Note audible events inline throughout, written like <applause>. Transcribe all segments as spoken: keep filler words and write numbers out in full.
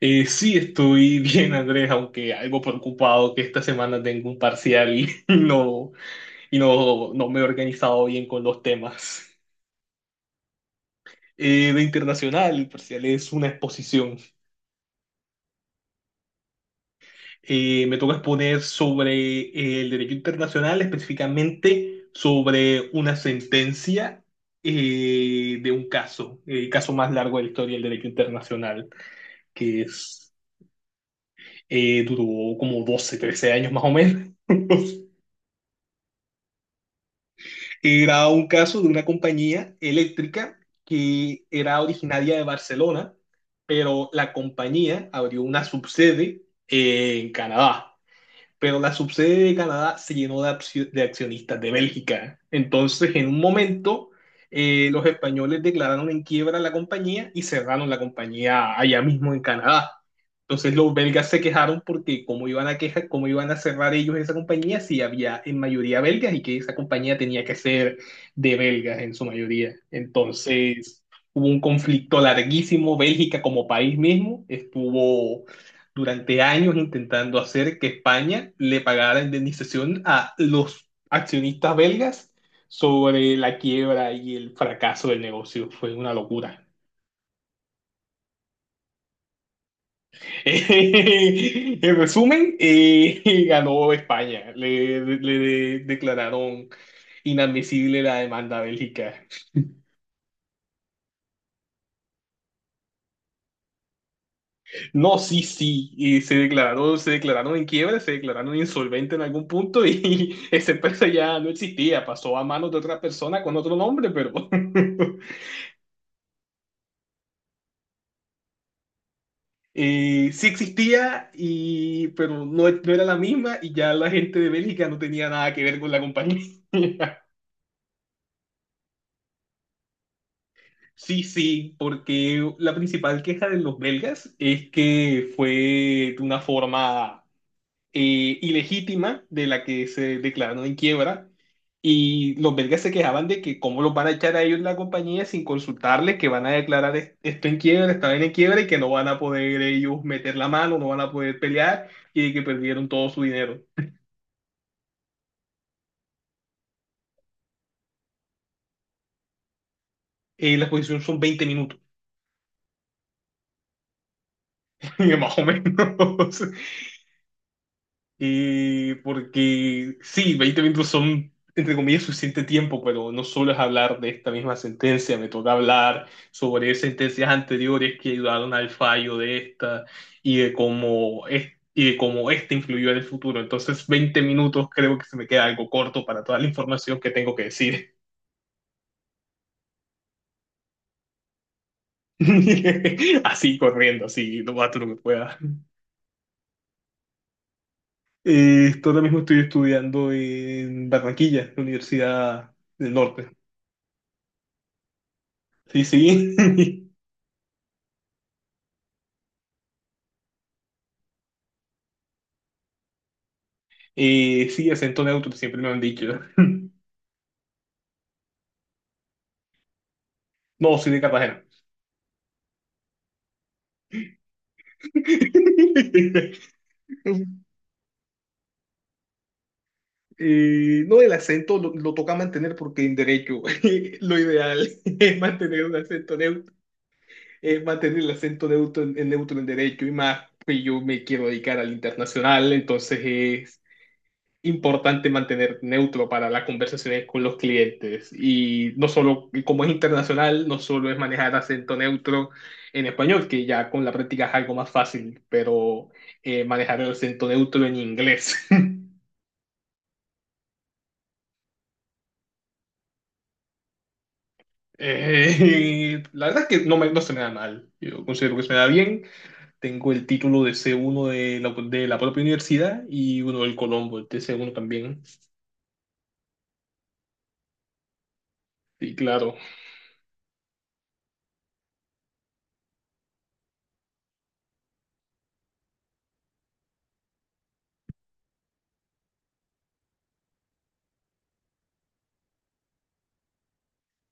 Eh, sí, estoy <laughs> bien, Andrés, aunque algo preocupado que esta semana tengo un parcial y <laughs> no, y no, no me he organizado bien con los temas. Eh, de internacional, el parcial es una exposición. Eh, me toca exponer sobre eh, el derecho internacional, específicamente sobre una sentencia eh, de un caso, el caso más largo de la historia del derecho internacional, que es, eh, duró como doce, trece años más o menos. <laughs> <laughs> Era un caso de una compañía eléctrica que era originaria de Barcelona, pero la compañía abrió una subsede en Canadá, pero la subsede de Canadá se llenó de, accio- de accionistas de Bélgica. Entonces, en un momento, eh, los españoles declararon en quiebra la compañía y cerraron la compañía allá mismo en Canadá. Entonces, los belgas se quejaron porque cómo iban a quejar, cómo iban a cerrar ellos esa compañía si había en mayoría belgas y que esa compañía tenía que ser de belgas en su mayoría. Entonces, hubo un conflicto larguísimo. Bélgica como país mismo estuvo durante años intentando hacer que España le pagara la indemnización a los accionistas belgas sobre la quiebra y el fracaso del negocio. Fue una locura. <laughs> En resumen, eh, <laughs> ganó España. Le, le- le declararon inadmisible la demanda a Bélgica. No, sí, sí, y se declaró, se declararon en quiebra, se declararon insolvente en algún punto y <laughs> esa empresa ya no existía, pasó a manos de otra persona con otro nombre, pero <laughs> eh, sí existía, y, pero no, no era la misma y ya la gente de Bélgica no tenía nada que ver con la compañía. <laughs> Sí, sí, porque la principal queja de los belgas es que fue de una forma eh, ilegítima de la que se declararon en quiebra. Y los belgas se quejaban de que cómo los van a echar a ellos la compañía sin consultarles, que van a declarar es- esto en quiebra, esta vaina en quiebra y que no van a poder ellos meter la mano, no van a poder pelear y de que perdieron todo su dinero. Eh, la exposición son veinte minutos, <laughs> más o menos. Eh, porque sí, veinte minutos son, entre comillas, suficiente tiempo, pero no solo es hablar de esta misma sentencia, me toca hablar sobre sentencias anteriores que ayudaron al fallo de esta y de cómo, es, y de cómo esta influyó en el futuro. Entonces, veinte minutos creo que se me queda algo corto para toda la información que tengo que decir. <laughs> Así corriendo, así lo más lo que pueda. Eh, esto ahora mismo estoy estudiando en Barranquilla, la Universidad del Norte. Sí, sí. <laughs> Eh, sí, acento neutro, siempre me han dicho. <laughs> No, soy de Cartagena. <laughs> Eh, no, el acento lo, lo toca mantener porque en derecho <laughs> lo ideal es mantener un acento neutro, es mantener el acento neutro en, en neutro en derecho y más, pues yo me quiero dedicar al internacional, entonces es importante mantener neutro para las conversaciones con los clientes. Y no solo, y como es internacional, no solo es manejar acento neutro en español, que ya con la práctica es algo más fácil, pero eh, manejar el acento neutro en inglés. <laughs> Eh, la verdad es que no, me, no se me da mal. Yo considero que se me da bien. Tengo el título de C uno de la, de la propia universidad y uno del Colombo, el de C uno también. Sí, claro.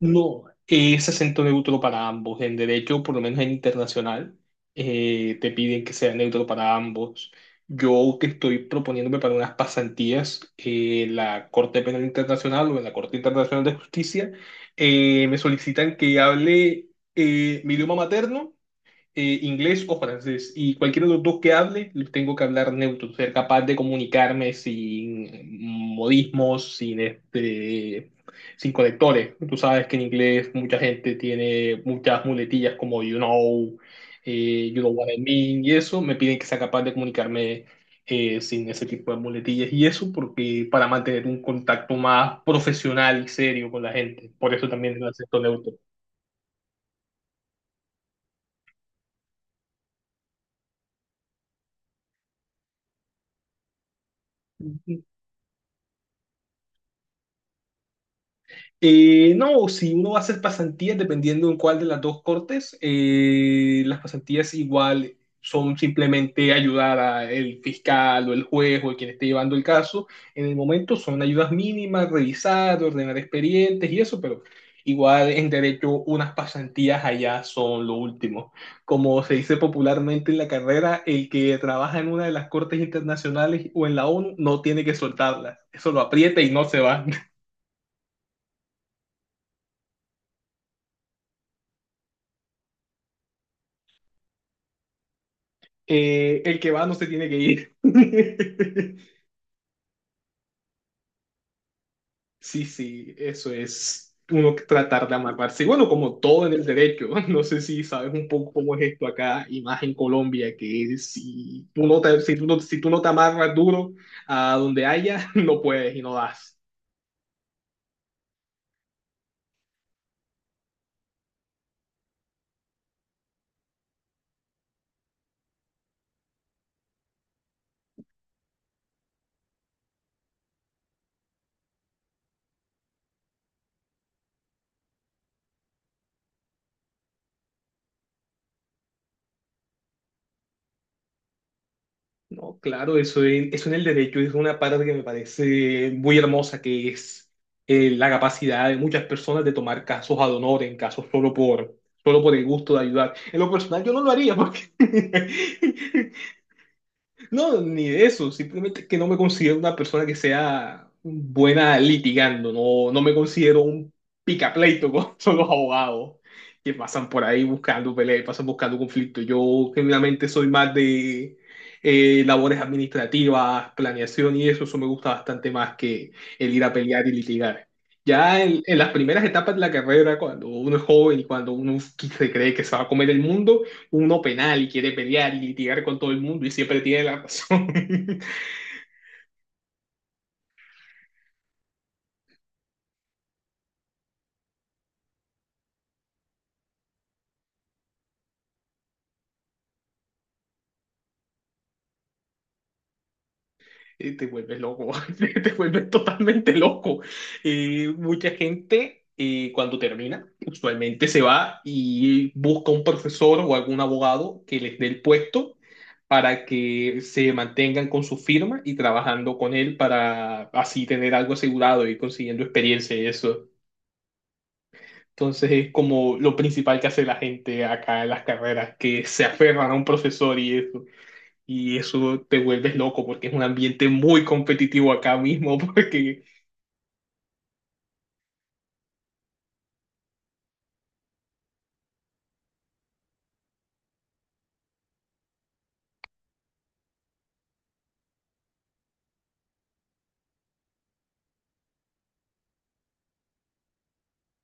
No, es acento neutro para ambos. En derecho, por lo menos en internacional, eh, te piden que sea neutro para ambos. Yo que estoy proponiéndome para unas pasantías eh, en la Corte Penal Internacional o en la Corte Internacional de Justicia, eh, me solicitan que hable eh, mi idioma materno eh, inglés o francés. Y cualquier de los dos que hable, los tengo que hablar neutro, ser capaz de comunicarme sin modismos, sin este, sin conectores. Tú sabes que en inglés mucha gente tiene muchas muletillas como you know, eh, you know what I mean, y eso me piden que sea capaz de comunicarme eh, sin ese tipo de muletillas y eso porque para mantener un contacto más profesional y serio con la gente, por eso también el acento neutro. Eh, no, si uno va a hacer pasantías, dependiendo en cuál de las dos cortes, eh, las pasantías igual son simplemente ayudar al fiscal o el juez o el quien esté llevando el caso. En el momento son ayudas mínimas, revisar, ordenar expedientes y eso, pero igual en derecho unas pasantías allá son lo último. Como se dice popularmente en la carrera, el que trabaja en una de las cortes internacionales o en la ONU no tiene que soltarlas. Eso lo aprieta y no se va. Eh, el que va no se tiene que ir. <laughs> Sí, sí, eso es uno que tratar de amarrarse. Y bueno, como todo en el derecho, <laughs> no sé si sabes un poco cómo es esto acá y más en Colombia, que si tú no te, si tú no, si tú no te amarras duro a donde haya, <laughs> no puedes y no das. No, claro, eso en, eso en el derecho es una parte que me parece muy hermosa, que es eh, la capacidad de muchas personas de tomar casos ad honorem, casos solo por, solo por el gusto de ayudar. En lo personal yo no lo haría porque <laughs> no, ni de eso, simplemente que no me considero una persona que sea buena litigando, no, no me considero un picapleito <laughs> con son los abogados que pasan por ahí buscando peleas, pasan buscando conflictos. Yo genuinamente soy más de eh, labores administrativas, planeación y eso, eso me gusta bastante más que el ir a pelear y litigar. Ya en, en las primeras etapas de la carrera, cuando uno es joven y cuando uno se cree que se va a comer el mundo, uno penal y quiere pelear y litigar con todo el mundo y siempre tiene la razón, <laughs> eh, te vuelves loco, <laughs> te vuelves totalmente loco. Eh, mucha gente eh, cuando termina, usualmente se va y busca un profesor o algún abogado que les dé el puesto para que se mantengan con su firma y trabajando con él para así tener algo asegurado y consiguiendo experiencia y eso. Entonces es como lo principal que hace la gente acá en las carreras, que se aferran a un profesor y eso. Y eso te vuelves loco porque es un ambiente muy competitivo acá mismo, <laughs> porque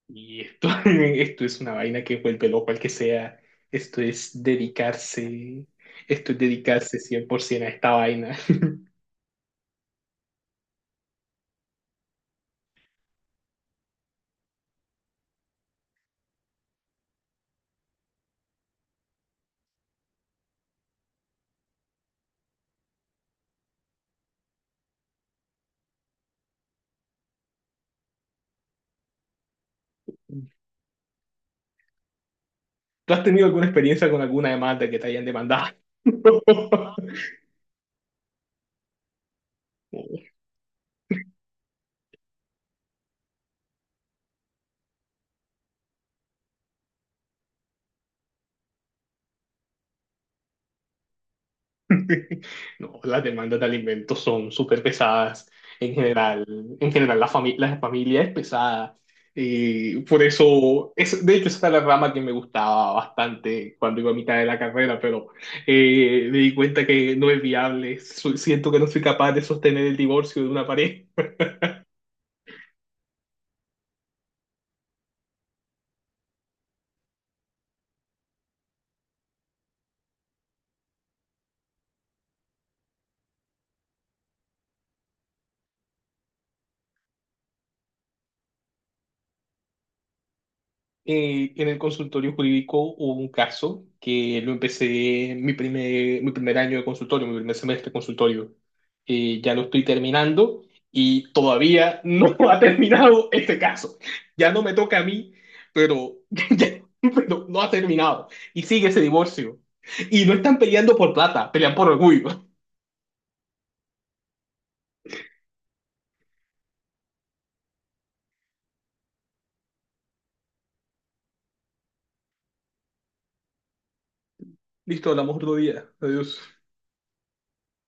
y esto, <laughs> esto es una vaina que vuelve loco al que sea. Esto es dedicarse, esto es dedicarse cien por ciento a esta vaina. <laughs> ¿Tú has tenido alguna experiencia con alguna demanda que te hayan demandado? <laughs> <laughs> No, las demandas de alimentos son súper pesadas. En general, en general la fami- la familia es pesada. Y por eso, es, de hecho, esa era la rama que me gustaba bastante cuando iba a mitad de la carrera, pero eh, me di cuenta que no es viable. Soy- siento que no soy capaz de sostener el divorcio de una pareja. Eh, en el consultorio jurídico hubo un caso que lo empecé mi primer, mi primer año de consultorio, mi primer semestre de consultorio. Eh, ya lo estoy terminando y todavía no <laughs> ha terminado este caso. Ya no me toca a mí, pero, <laughs> ya- pero no ha terminado. Y sigue ese divorcio. Y no están peleando por plata, pelean por orgullo. <laughs> Listo, hablamos otro día. Adiós.